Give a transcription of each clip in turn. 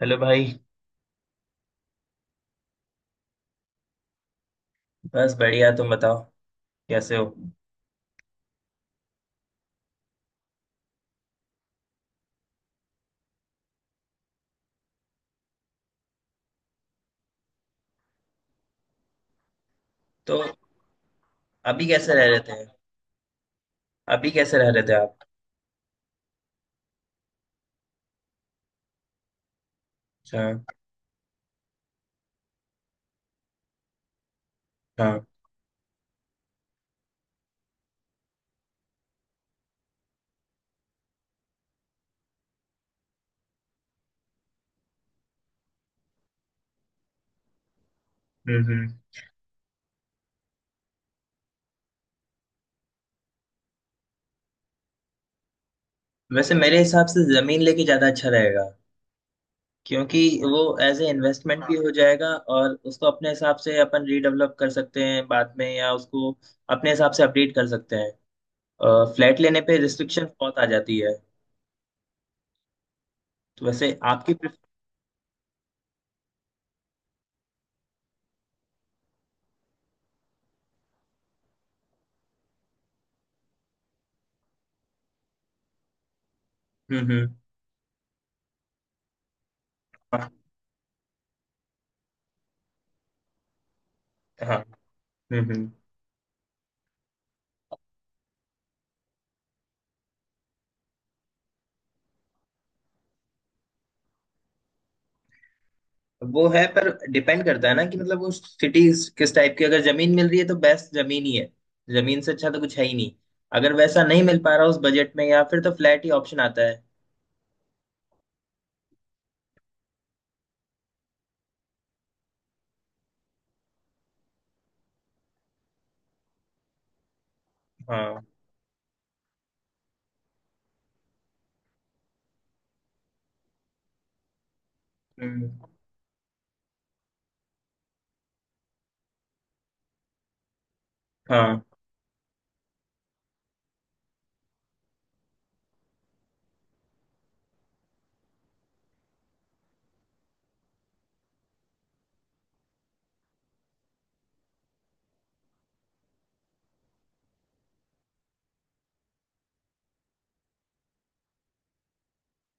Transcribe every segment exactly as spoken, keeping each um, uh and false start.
Hello भाई। बस बढ़िया, तुम बताओ कैसे हो। तो अभी कैसे रह रहे थे? अभी कैसे रह रहे थे आप अच्छा। हाँ। हम्म हम्म। वैसे मेरे हिसाब से जमीन लेके ज्यादा अच्छा रहेगा, क्योंकि वो एज ए इन्वेस्टमेंट भी हो जाएगा। और उसको अपने हिसाब से अपन रीडेवलप कर सकते हैं बाद में, या उसको अपने हिसाब से अपडेट कर सकते हैं। फ्लैट लेने पे रिस्ट्रिक्शन बहुत आ जाती है। तो वैसे आपकी प्रिफ- हम्म हम्म। हाँ हाँ, हम्म हम्म। वो है, पर डिपेंड करता है ना कि मतलब वो सिटी किस टाइप की। अगर जमीन मिल रही है तो बेस्ट जमीन ही है। जमीन से अच्छा तो कुछ है ही नहीं। अगर वैसा नहीं मिल पा रहा उस बजट में, या फिर, तो फ्लैट ही ऑप्शन आता है। हाँ। हम्म, हाँ।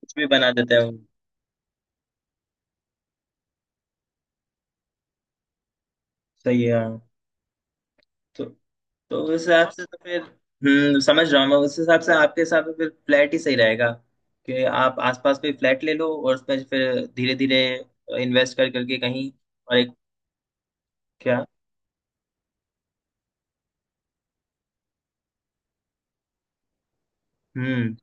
कुछ भी बना देता है वो। सही है, हाँ। तो तो उस हिसाब से तो फिर, हम्म, समझ रहा हूँ मैं। उस हिसाब से आपके हिसाब से फिर फ्लैट ही सही रहेगा, कि आप आसपास कोई फ्लैट ले लो और उसमें फिर धीरे धीरे इन्वेस्ट कर करके कहीं। और एक, क्या? हम्म।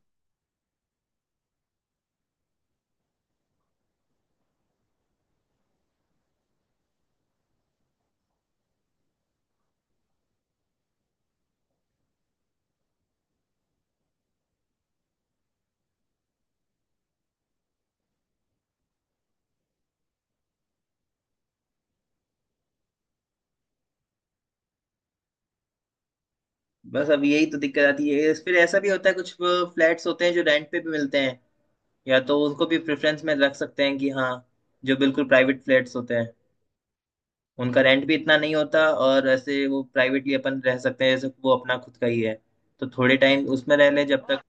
बस अब यही तो दिक्कत आती है इस- फिर ऐसा भी होता है, कुछ फ्लैट्स होते हैं जो रेंट पे भी मिलते हैं। या तो उनको भी प्रेफरेंस में रख सकते हैं कि हाँ, जो बिल्कुल प्राइवेट फ्लैट्स होते हैं, उनका रेंट भी इतना नहीं होता। और ऐसे वो प्राइवेटली अपन रह सकते हैं जैसे वो अपना खुद का ही है। तो थोड़े टाइम उसमें रह लें जब तक।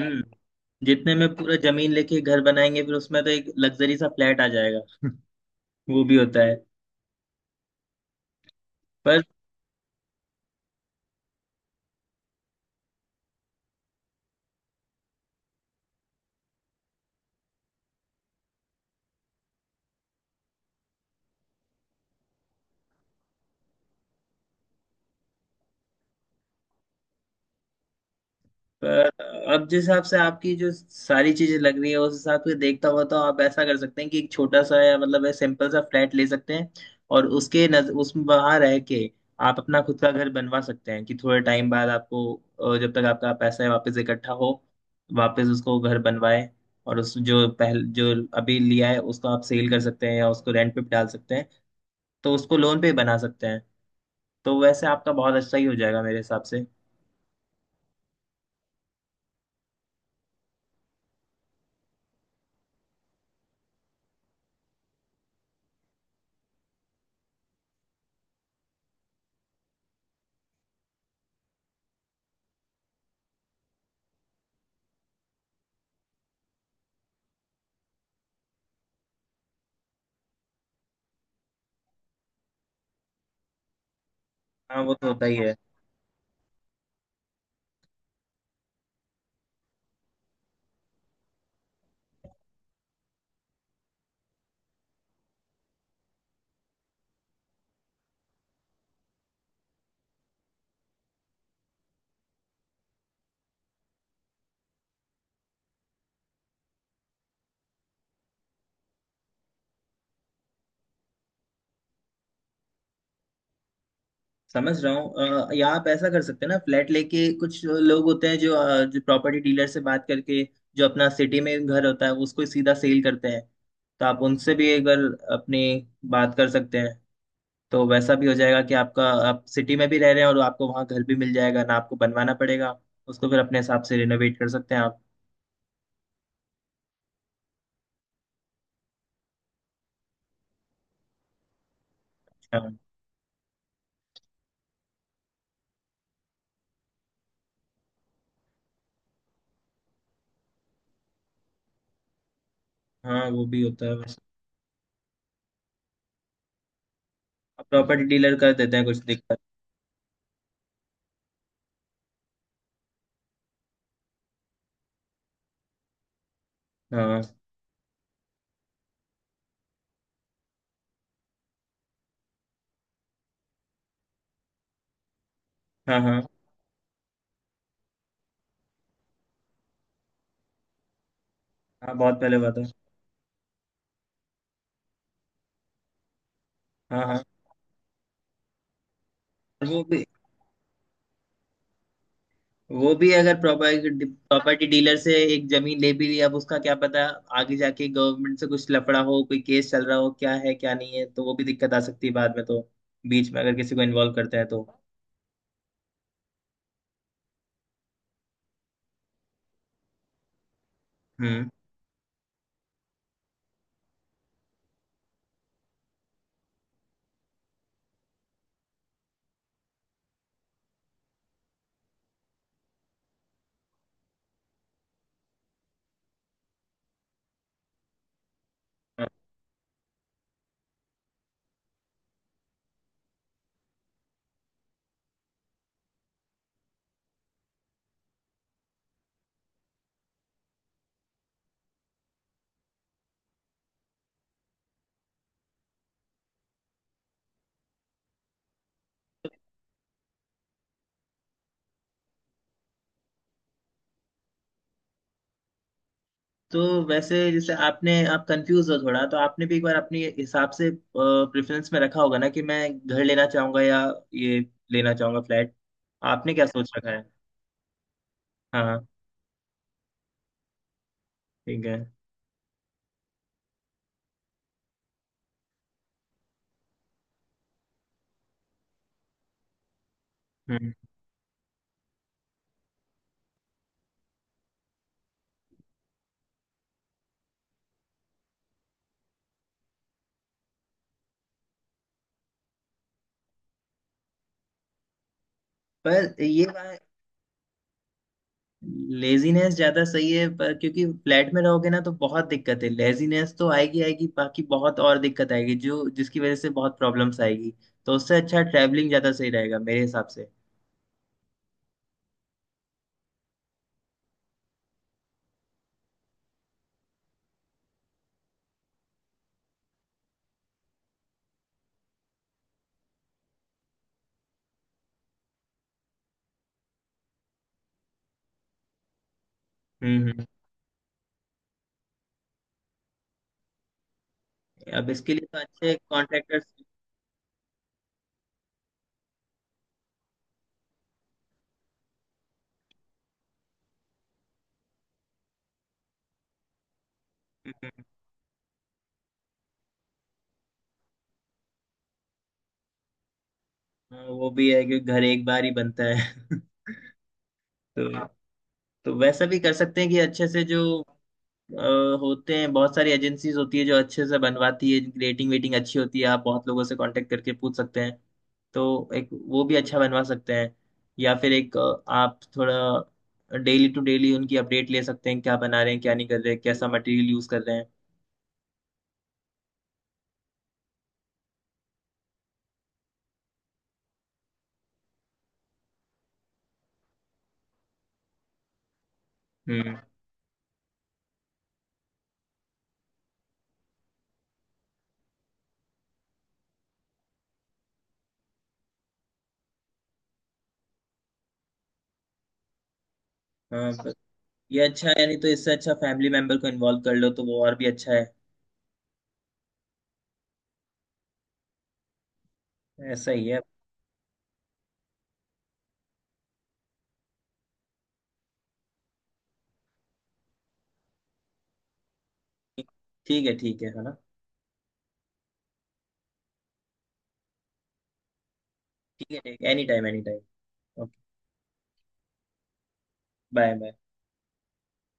हम्म। जितने में पूरा जमीन लेके घर बनाएंगे, फिर उसमें तो एक लग्जरी सा फ्लैट आ जाएगा। वो भी होता है। पर पर अब जिस हिसाब से आपकी जो सारी चीजें लग रही है, उस हिसाब से देखता हुआ तो आप ऐसा कर सकते हैं कि एक छोटा सा, या मतलब है, सिंपल सा फ्लैट ले सकते हैं। और उसके नज उस वहां रह के आप अपना खुद का घर बनवा सकते हैं। कि थोड़े टाइम बाद आपको अ, जब तक आपका पैसा है वापस इकट्ठा हो, वापस उसको घर बनवाए। और उस जो पहल, जो अभी लिया है, उसको आप सेल कर सकते हैं या उसको रेंट पे भी डाल सकते हैं। तो उसको लोन पे बना सकते हैं। तो वैसे आपका बहुत अच्छा ही हो जाएगा मेरे हिसाब से। हाँ वो तो होता ही है। समझ रहा हूँ। अ, या आप ऐसा कर सकते हैं ना, फ्लैट लेके। कुछ लोग होते हैं जो अ, जो प्रॉपर्टी डीलर से बात करके जो अपना सिटी में घर होता है उसको ही सीधा सेल करते हैं। तो आप उनसे भी एक बार अपनी बात कर सकते हैं। तो वैसा भी हो जाएगा कि आपका, आप सिटी में भी रह रहे हैं और आपको वहाँ घर भी मिल जाएगा ना, आपको बनवाना पड़ेगा। उसको फिर अपने हिसाब से रिनोवेट कर सकते हैं आप। हाँ हाँ, वो भी होता है वैसे। प्रॉपर्टी डीलर कर देते हैं कुछ दिक्कत। हाँ। हाँ। हाँ हाँ, बहुत पहले बात है। हाँ हाँ। वो भी, वो भी अगर प्रॉपर्टी प्रॉपर्टी डीलर से एक जमीन ले भी ली, अब उसका क्या पता। आगे जाके गवर्नमेंट से कुछ लफड़ा हो, कोई केस चल रहा हो, क्या है क्या नहीं है, तो वो भी दिक्कत आ सकती है बाद में तो। बीच में अगर किसी को इन्वॉल्व करता है तो। हम्म। तो वैसे, जैसे आपने आप कंफ्यूज हो थोड़ा, तो आपने भी एक बार अपने हिसाब से प्रेफरेंस में रखा होगा ना, कि मैं घर लेना चाहूंगा या ये लेना चाहूंगा, फ्लैट। आपने क्या सोच रखा है? हाँ हाँ, ठीक है। हम्म। पर ये बा- लेजीनेस ज्यादा सही है, पर क्योंकि फ्लैट में रहोगे ना तो बहुत दिक्कत है। लेजीनेस तो आएगी आएगी, बाकी बहुत और दिक्कत आएगी, जो जिसकी वजह से बहुत प्रॉब्लम्स आएगी। तो उससे अच्छा ट्रैवलिंग ज्यादा सही रहेगा मेरे हिसाब से। हम्म हम्म। अब इसके लिए तो अच्छे कॉन्ट्रैक्टर्स। वो भी है कि घर एक बार ही बनता है। तो तो वैसा भी कर सकते हैं कि अच्छे से जो अ, होते हैं, बहुत सारी एजेंसीज होती है जो अच्छे से बनवाती है, जिनकी रेटिंग वेटिंग अच्छी होती है। आप बहुत लोगों से कांटेक्ट करके पूछ सकते हैं। तो एक वो भी अच्छा बनवा सकते हैं। या फिर एक, अ, आप थोड़ा डेली टू डेली उनकी अपडेट ले सकते हैं, क्या बना रहे हैं क्या नहीं कर रहे हैं, कैसा मटेरियल यूज कर रहे हैं। हम्म। हाँ बस, ये अच्छा है। यानी तो इससे अच्छा फैमिली मेंबर को इन्वॉल्व कर लो, तो वो और भी अच्छा है। ऐसा ही है। ठीक है, ठीक है है ना। ठीक है ठीक है, any time any time. Okay. Bye bye.